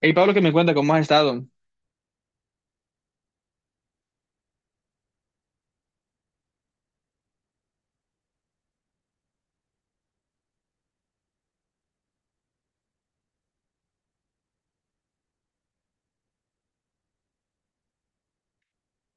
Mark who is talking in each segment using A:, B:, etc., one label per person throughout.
A: Hey Pablo, que me cuenta cómo has estado.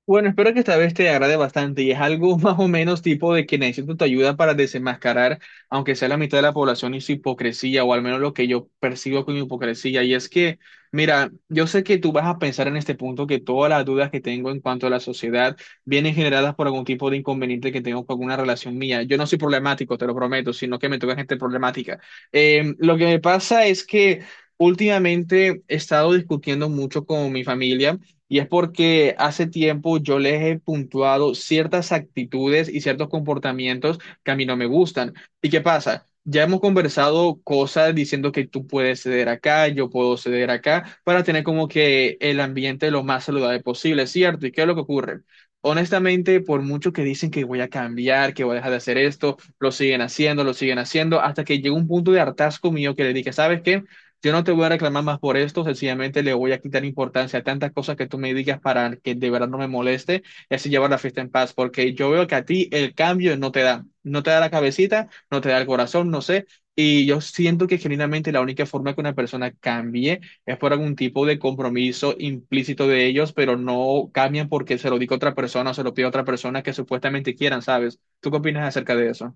A: Bueno, espero que esta vez te agrade bastante y es algo más o menos tipo de que necesito tu ayuda para desenmascarar, aunque sea la mitad de la población y su hipocresía, o al menos lo que yo percibo con hipocresía. Y es que, mira, yo sé que tú vas a pensar en este punto que todas las dudas que tengo en cuanto a la sociedad vienen generadas por algún tipo de inconveniente que tengo con alguna relación mía. Yo no soy problemático, te lo prometo, sino que me toca gente problemática. Lo que me pasa es que últimamente he estado discutiendo mucho con mi familia. Y es porque hace tiempo yo les he puntuado ciertas actitudes y ciertos comportamientos que a mí no me gustan. ¿Y qué pasa? Ya hemos conversado cosas diciendo que tú puedes ceder acá, yo puedo ceder acá, para tener como que el ambiente lo más saludable posible, ¿cierto? ¿Y qué es lo que ocurre? Honestamente, por mucho que dicen que voy a cambiar, que voy a dejar de hacer esto, lo siguen haciendo, hasta que llega un punto de hartazgo mío que le dije, ¿sabes qué? Yo no te voy a reclamar más por esto, sencillamente le voy a quitar importancia a tantas cosas que tú me digas para que de verdad no me moleste y así llevar la fiesta en paz, porque yo veo que a ti el cambio no te da, no te da la cabecita, no te da el corazón, no sé, y yo siento que genuinamente la única forma que una persona cambie es por algún tipo de compromiso implícito de ellos, pero no cambian porque se lo diga otra persona o se lo pide a otra persona que supuestamente quieran, ¿sabes? ¿Tú qué opinas acerca de eso?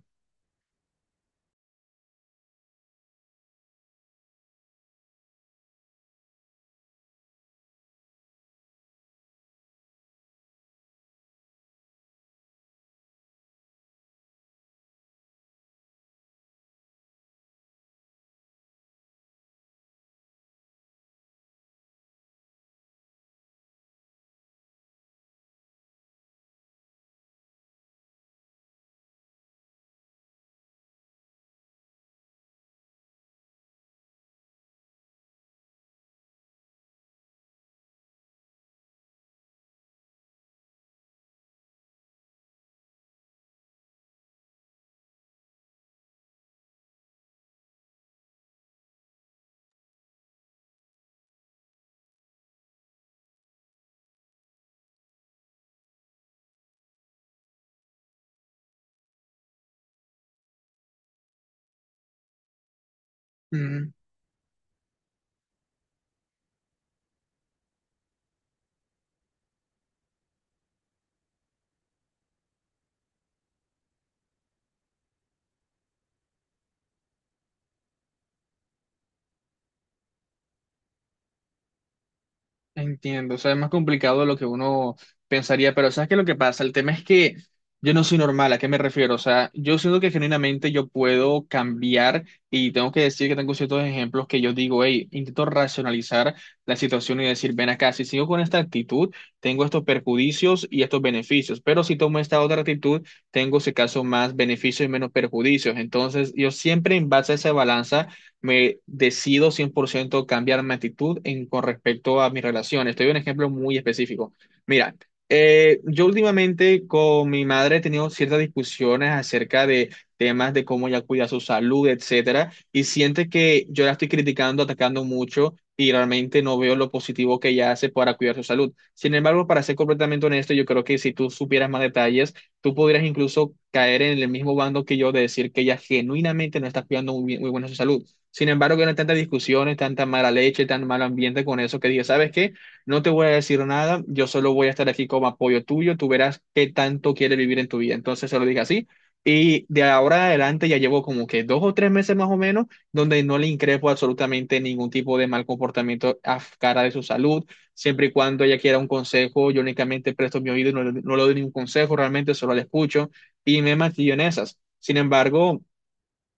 A: Entiendo, o sea, es más complicado de lo que uno pensaría, pero ¿sabes qué es lo que pasa? El tema es que yo no soy normal, ¿a qué me refiero? O sea, yo siento que genuinamente yo puedo cambiar y tengo que decir que tengo ciertos ejemplos que yo digo, hey, intento racionalizar la situación y decir, ven acá, si sigo con esta actitud, tengo estos perjudicios y estos beneficios, pero si tomo esta otra actitud, tengo, si acaso, más beneficios y menos perjuicios. Entonces, yo siempre en base a esa balanza me decido 100% cambiar mi actitud en, con respecto a mis relaciones. Te doy un ejemplo muy específico. Mira, yo últimamente con mi madre he tenido ciertas discusiones acerca de temas de cómo ella cuida su salud, etcétera, y siente que yo la estoy criticando, atacando mucho. Y realmente no veo lo positivo que ella hace para cuidar su salud. Sin embargo, para ser completamente honesto, yo creo que si tú supieras más detalles, tú podrías incluso caer en el mismo bando que yo de decir que ella genuinamente no está cuidando muy bien, muy buena su salud. Sin embargo, que eran tantas discusiones, tanta mala leche, tan mal ambiente con eso que dije, ¿sabes qué? No te voy a decir nada, yo solo voy a estar aquí como apoyo tuyo, tú verás qué tanto quieres vivir en tu vida. Entonces se lo dije así. Y de ahora en adelante ya llevo como que 2 o 3 meses más o menos donde no le increpo absolutamente ningún tipo de mal comportamiento a cara de su salud. Siempre y cuando ella quiera un consejo, yo únicamente presto mi oído y no, no le doy ningún consejo, realmente solo la escucho y me mantillo en esas. Sin embargo,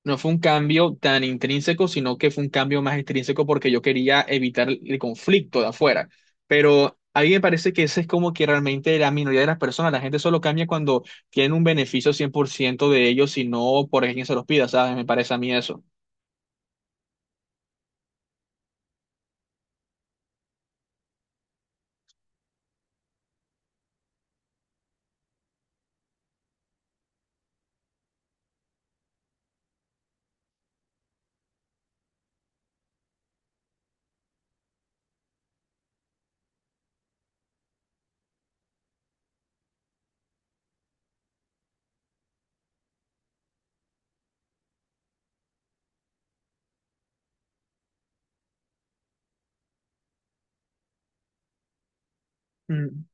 A: no fue un cambio tan intrínseco, sino que fue un cambio más intrínseco porque yo quería evitar el conflicto de afuera. Pero a mí me parece que ese es como que realmente la minoría de las personas, la gente solo cambia cuando tienen un beneficio 100% de ellos y no por alguien se los pida, ¿sabes? Me parece a mí eso. Mm,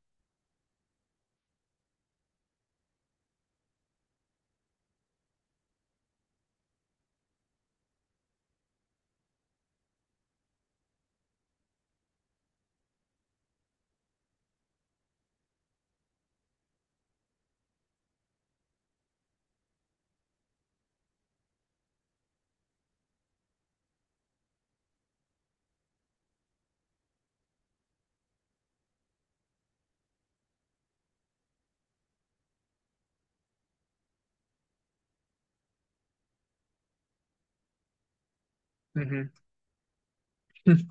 A: ujú.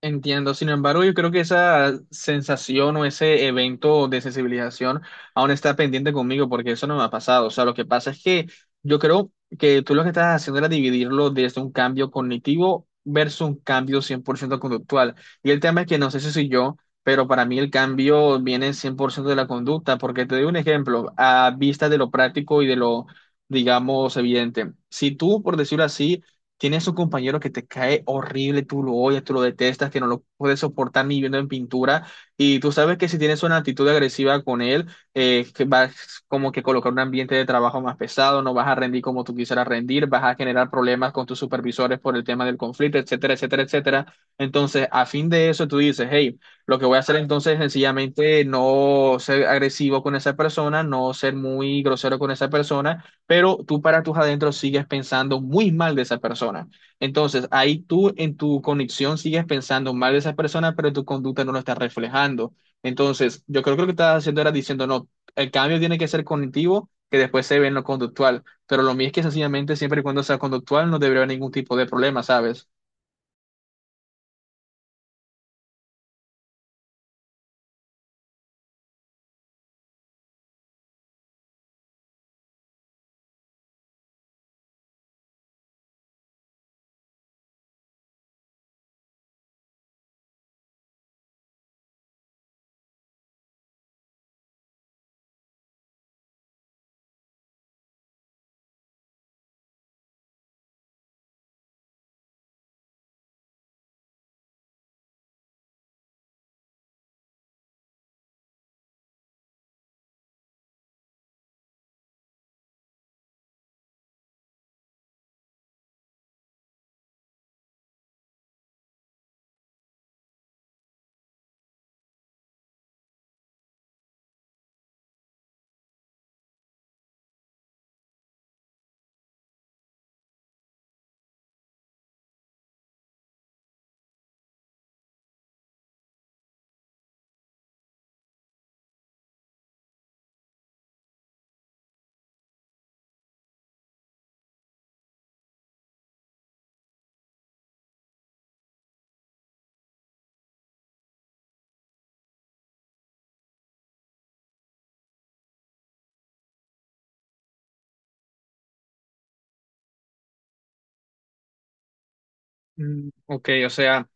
A: Entiendo, sin embargo, yo creo que esa sensación o ese evento de sensibilización aún está pendiente conmigo porque eso no me ha pasado. O sea, lo que pasa es que yo creo que tú lo que estás haciendo era dividirlo desde un cambio cognitivo versus un cambio 100% conductual. Y el tema es que no sé si soy yo, pero para mí el cambio viene 100% de la conducta, porque te doy un ejemplo, a vista de lo práctico y de lo, digamos, evidente. Si tú, por decirlo así, tienes un compañero que te cae horrible, tú lo odias, tú lo detestas, que no lo puedes soportar ni viendo en pintura, y tú sabes que si tienes una actitud agresiva con él, que vas como que colocar un ambiente de trabajo más pesado, no vas a rendir como tú quisieras rendir, vas a generar problemas con tus supervisores por el tema del conflicto, etcétera, etcétera, etcétera. Entonces, a fin de eso, tú dices, hey, lo que voy a hacer entonces es sencillamente no ser agresivo con esa persona, no ser muy grosero con esa persona, pero tú para tus adentros sigues pensando muy mal de esa persona. Entonces, ahí tú en tu conexión sigues pensando mal de esa persona, pero tu conducta no lo está reflejando. Entonces, yo creo que lo que estás haciendo era diciendo, no, el cambio tiene que ser cognitivo, que después se ve en lo conductual, pero lo mío es que sencillamente siempre y cuando sea conductual no debería haber ningún tipo de problema, ¿sabes? Mm, ok, o sea...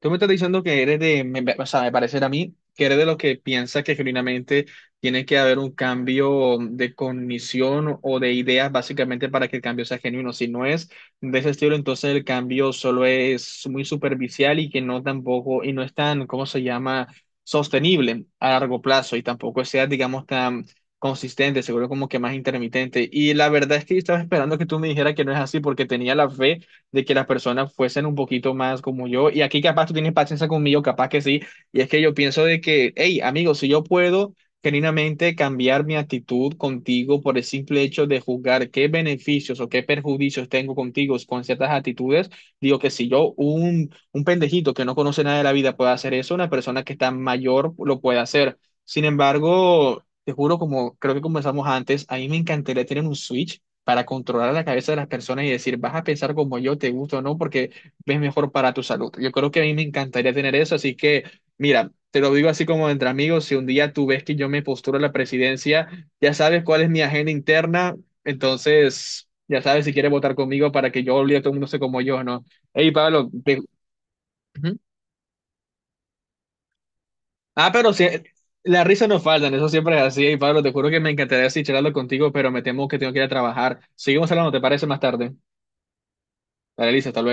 A: Tú me estás diciendo que eres de, o sea, me parece a mí que eres de los que piensa que genuinamente tiene que haber un cambio de cognición o de ideas básicamente para que el cambio sea genuino. Si no es de ese estilo, entonces el cambio solo es muy superficial y que no tampoco, y no es tan, ¿cómo se llama?, sostenible a largo plazo y tampoco sea, digamos, tan consistente, seguro como que más intermitente. Y la verdad es que yo estaba esperando que tú me dijeras que no es así porque tenía la fe de que las personas fuesen un poquito más como yo. Y aquí capaz tú tienes paciencia conmigo, capaz que sí. Y es que yo pienso de que, hey, amigo, si yo puedo genuinamente cambiar mi actitud contigo por el simple hecho de juzgar qué beneficios o qué perjudicios tengo contigo con ciertas actitudes, digo que si yo, un pendejito que no conoce nada de la vida puede hacer eso, una persona que está mayor lo puede hacer. Sin embargo... Te juro, como creo que comenzamos antes, a mí me encantaría tener un Switch para controlar la cabeza de las personas y decir, vas a pensar como yo, te gusta o no, porque ves mejor para tu salud. Yo creo que a mí me encantaría tener eso, así que, mira, te lo digo así como entre amigos, si un día tú ves que yo me posturo a la presidencia, ya sabes cuál es mi agenda interna, entonces, ya sabes si quieres votar conmigo para que yo olvide a todo el mundo sé como yo, ¿no? Hey, Pablo, te- Ujú. Ah, pero si... Las risas no faltan, eso siempre es así. Y Pablo, te juro que me encantaría así charlarlo contigo, pero me temo que tengo que ir a trabajar. Seguimos hablando, ¿te parece más tarde? Dale, Lisa, hasta